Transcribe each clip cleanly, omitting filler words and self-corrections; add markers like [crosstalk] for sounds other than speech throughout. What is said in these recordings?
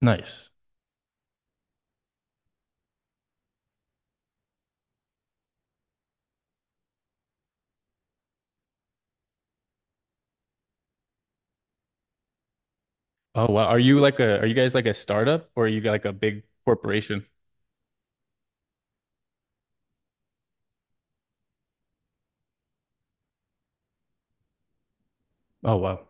Nice. Oh wow. Are you like a are you guys like a startup or are you like a big corporation? Oh wow.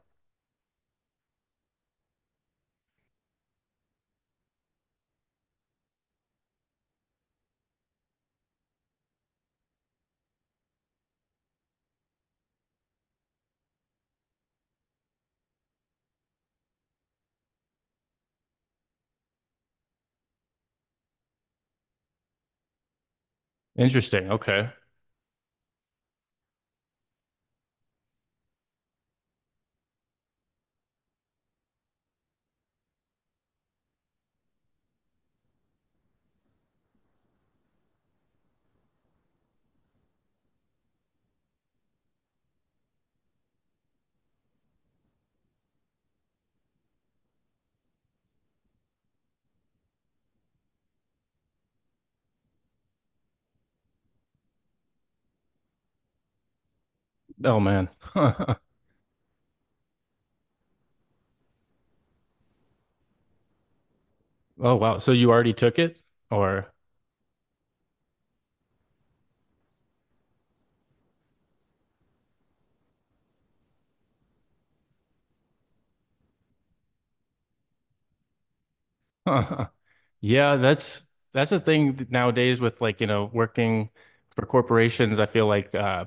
Interesting. Okay. Oh man. [laughs] Oh wow. So you already took it or [laughs] Yeah, that's a thing nowadays with, like, you know, working for corporations. I feel like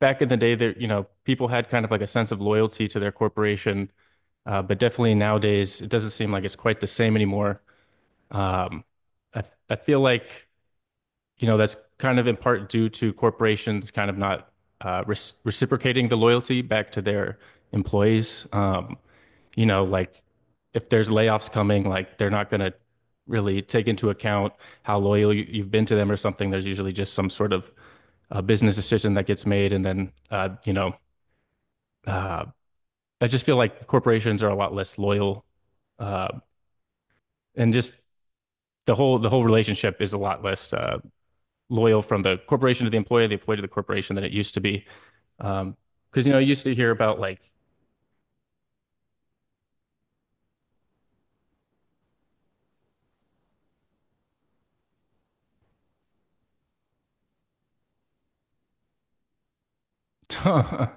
back in the day there, you know, people had kind of like a sense of loyalty to their corporation. But definitely nowadays it doesn't seem like it's quite the same anymore. Um I I feel like, you know, that's kind of in part due to corporations kind of not res reciprocating the loyalty back to their employees. You know, like if there's layoffs coming, like they're not going to really take into account how loyal you've been to them or something. There's usually just some sort of business decision that gets made, and then you know, uh, I just feel like corporations are a lot less loyal, uh, and just the whole relationship is a lot less uh, loyal from the corporation to the employee to the corporation than it used to be. Um, because, you know, you used to hear about like, [laughs] oh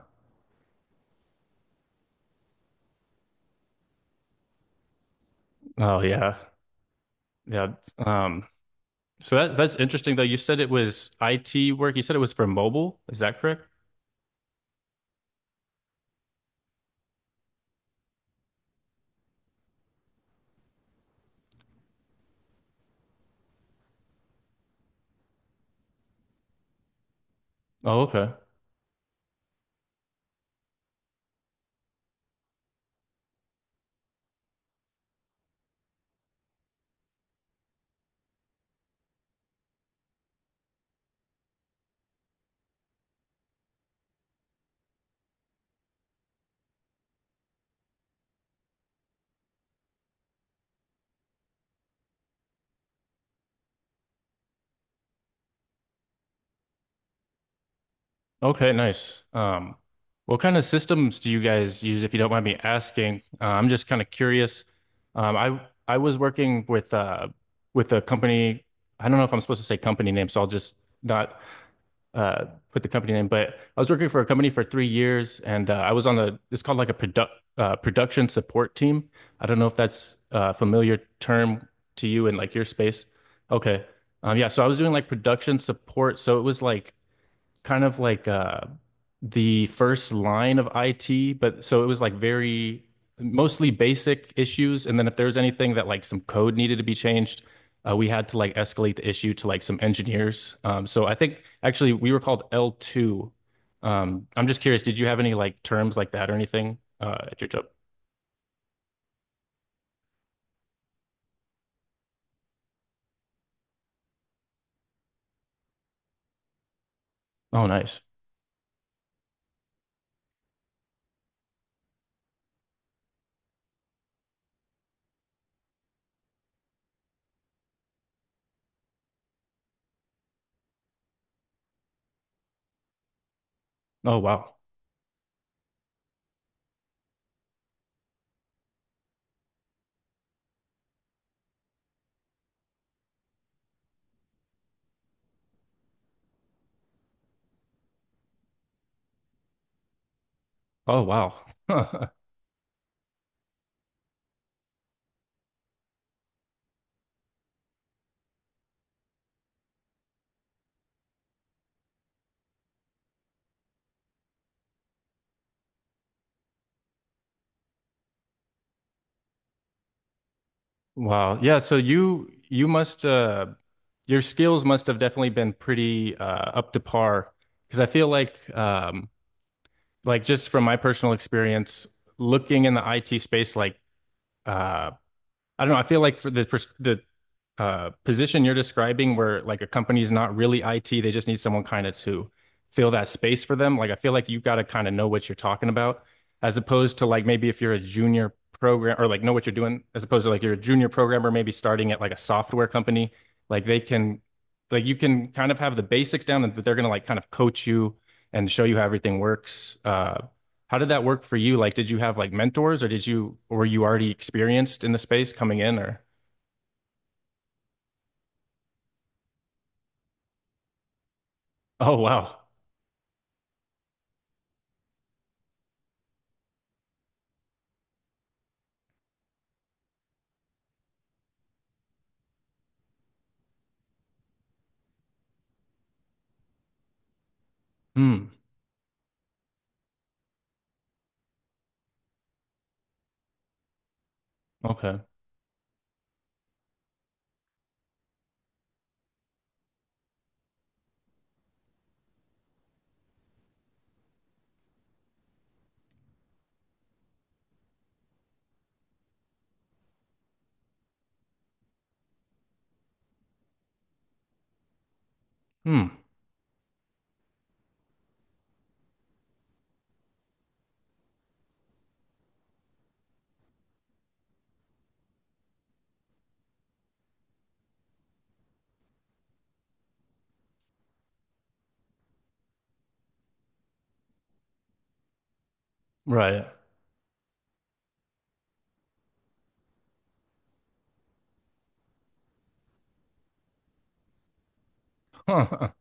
yeah, yeah. Um, so that that's interesting though. You said it was IT work. You said it was for mobile. Is that correct? Oh, okay. Okay, nice. What kind of systems do you guys use, if you don't mind me asking? I'm just kind of curious. Um, I I was working with a company. I don't know if I'm supposed to say company name, so I'll just not. uh, Put the company name, but I was working for a company for 3 years, and I was on a it's called like a product production support team. I don't know if that's a familiar term to you in like your space. Okay, yeah. So I was doing like production support, so it was like kind of like the first line of IT, but so it was like very mostly basic issues. And then if there was anything that like some code needed to be changed, we had to like escalate the issue to like some engineers. So I think actually we were called L2. I'm just curious, did you have any like terms like that or anything at your job? Oh, nice. Oh, wow. Oh, wow. [laughs] Wow. Yeah, so you must your skills must have definitely been pretty up to par, because I feel like just from my personal experience looking in the IT space like uh I don't know, I feel like for the position you're describing where like a company's not really IT, they just need someone kind of to fill that space for them. Like I feel like you got to kind of know what you're talking about, as opposed to like maybe if you're a junior program or like know what you're doing, as opposed to like you're a junior programmer maybe starting at like a software company, like they can you can kind of have the basics down and they're going to like kind of coach you and show you how everything works. How did that work for you? Like, did you have like mentors or did you, or were you already experienced in the space coming in or? Oh, wow. Hmm. Okay. Hmm. Right. [laughs] Huh.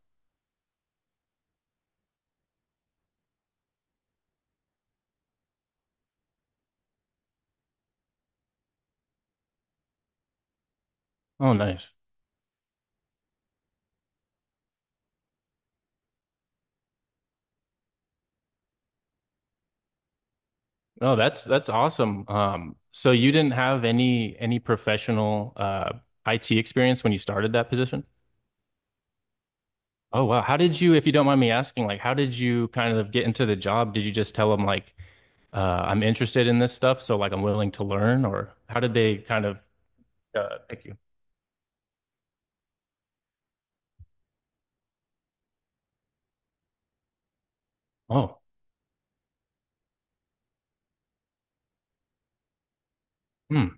Oh, nice. Oh, that's awesome. So you didn't have any professional IT experience when you started that position? Oh, wow. How did you, if you don't mind me asking, like how did you kind of get into the job? Did you just tell them like I'm interested in this stuff, so like I'm willing to learn, or how did they kind of pick you? Oh, hmm.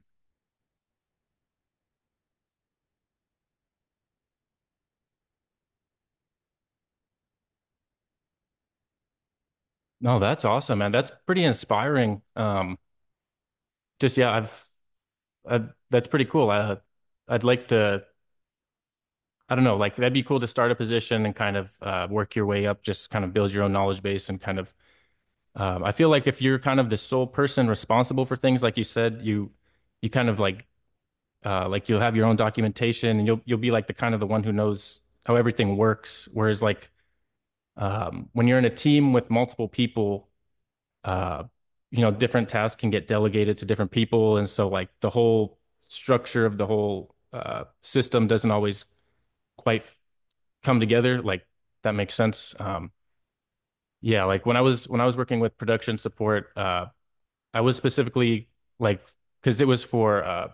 No, that's awesome, man. That's pretty inspiring. Just yeah, I've that's pretty cool. I'd like to I don't know, like that'd be cool to start a position and kind of work your way up, just kind of build your own knowledge base and kind of. I feel like if you're kind of the sole person responsible for things, like you said, you kind of like, like you'll have your own documentation and you'll be like the kind of the one who knows how everything works. Whereas like, when you're in a team with multiple people, uh, you know, different tasks can get delegated to different people, and so like the whole structure of the whole system doesn't always quite come together, like that makes sense. Yeah, like when I was working with production support, I was specifically like because it was for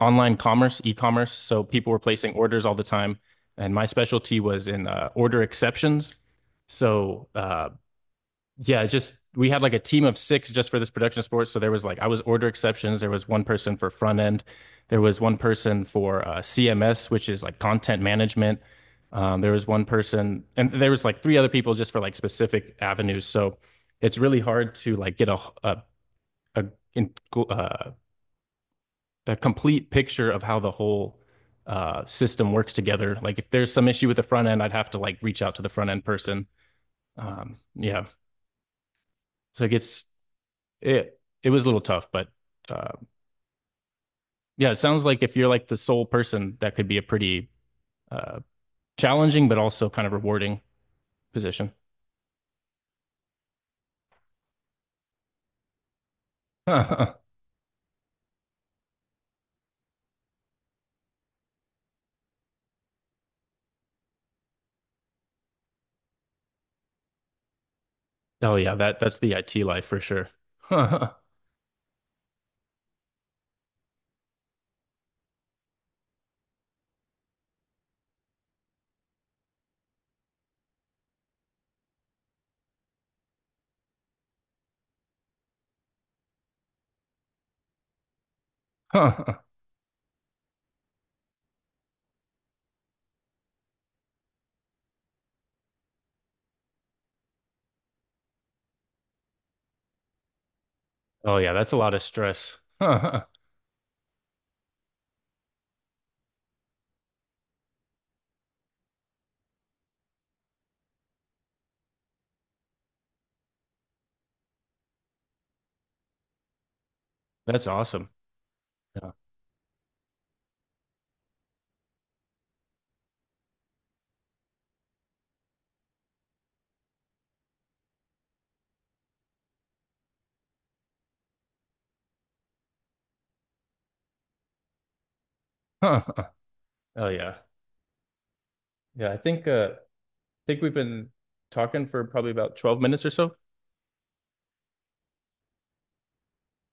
online commerce, e-commerce, so people were placing orders all the time, and my specialty was in order exceptions. So yeah, just we had like a team of 6 just for this production of sports. So there was like I was order exceptions. There was one person for front end. There was one person for CMS, which is like content management. There was one person, and there was like 3 other people just for like specific avenues. So it's really hard to like get a a, uh, a complete picture of how the whole system works together. Like if there's some issue with the front end, I'd have to like reach out to the front end person. Yeah, so it gets it was a little tough, but uh, yeah, it sounds like if you're like the sole person, that could be a pretty uh, challenging but also kind of rewarding position. [laughs] Oh yeah, that that's the IT life for sure. [laughs] Oh yeah, that's a lot of stress. [laughs] That's awesome. Yeah. [laughs] Oh yeah, yeah. I think we've been talking for probably about 12 minutes or so.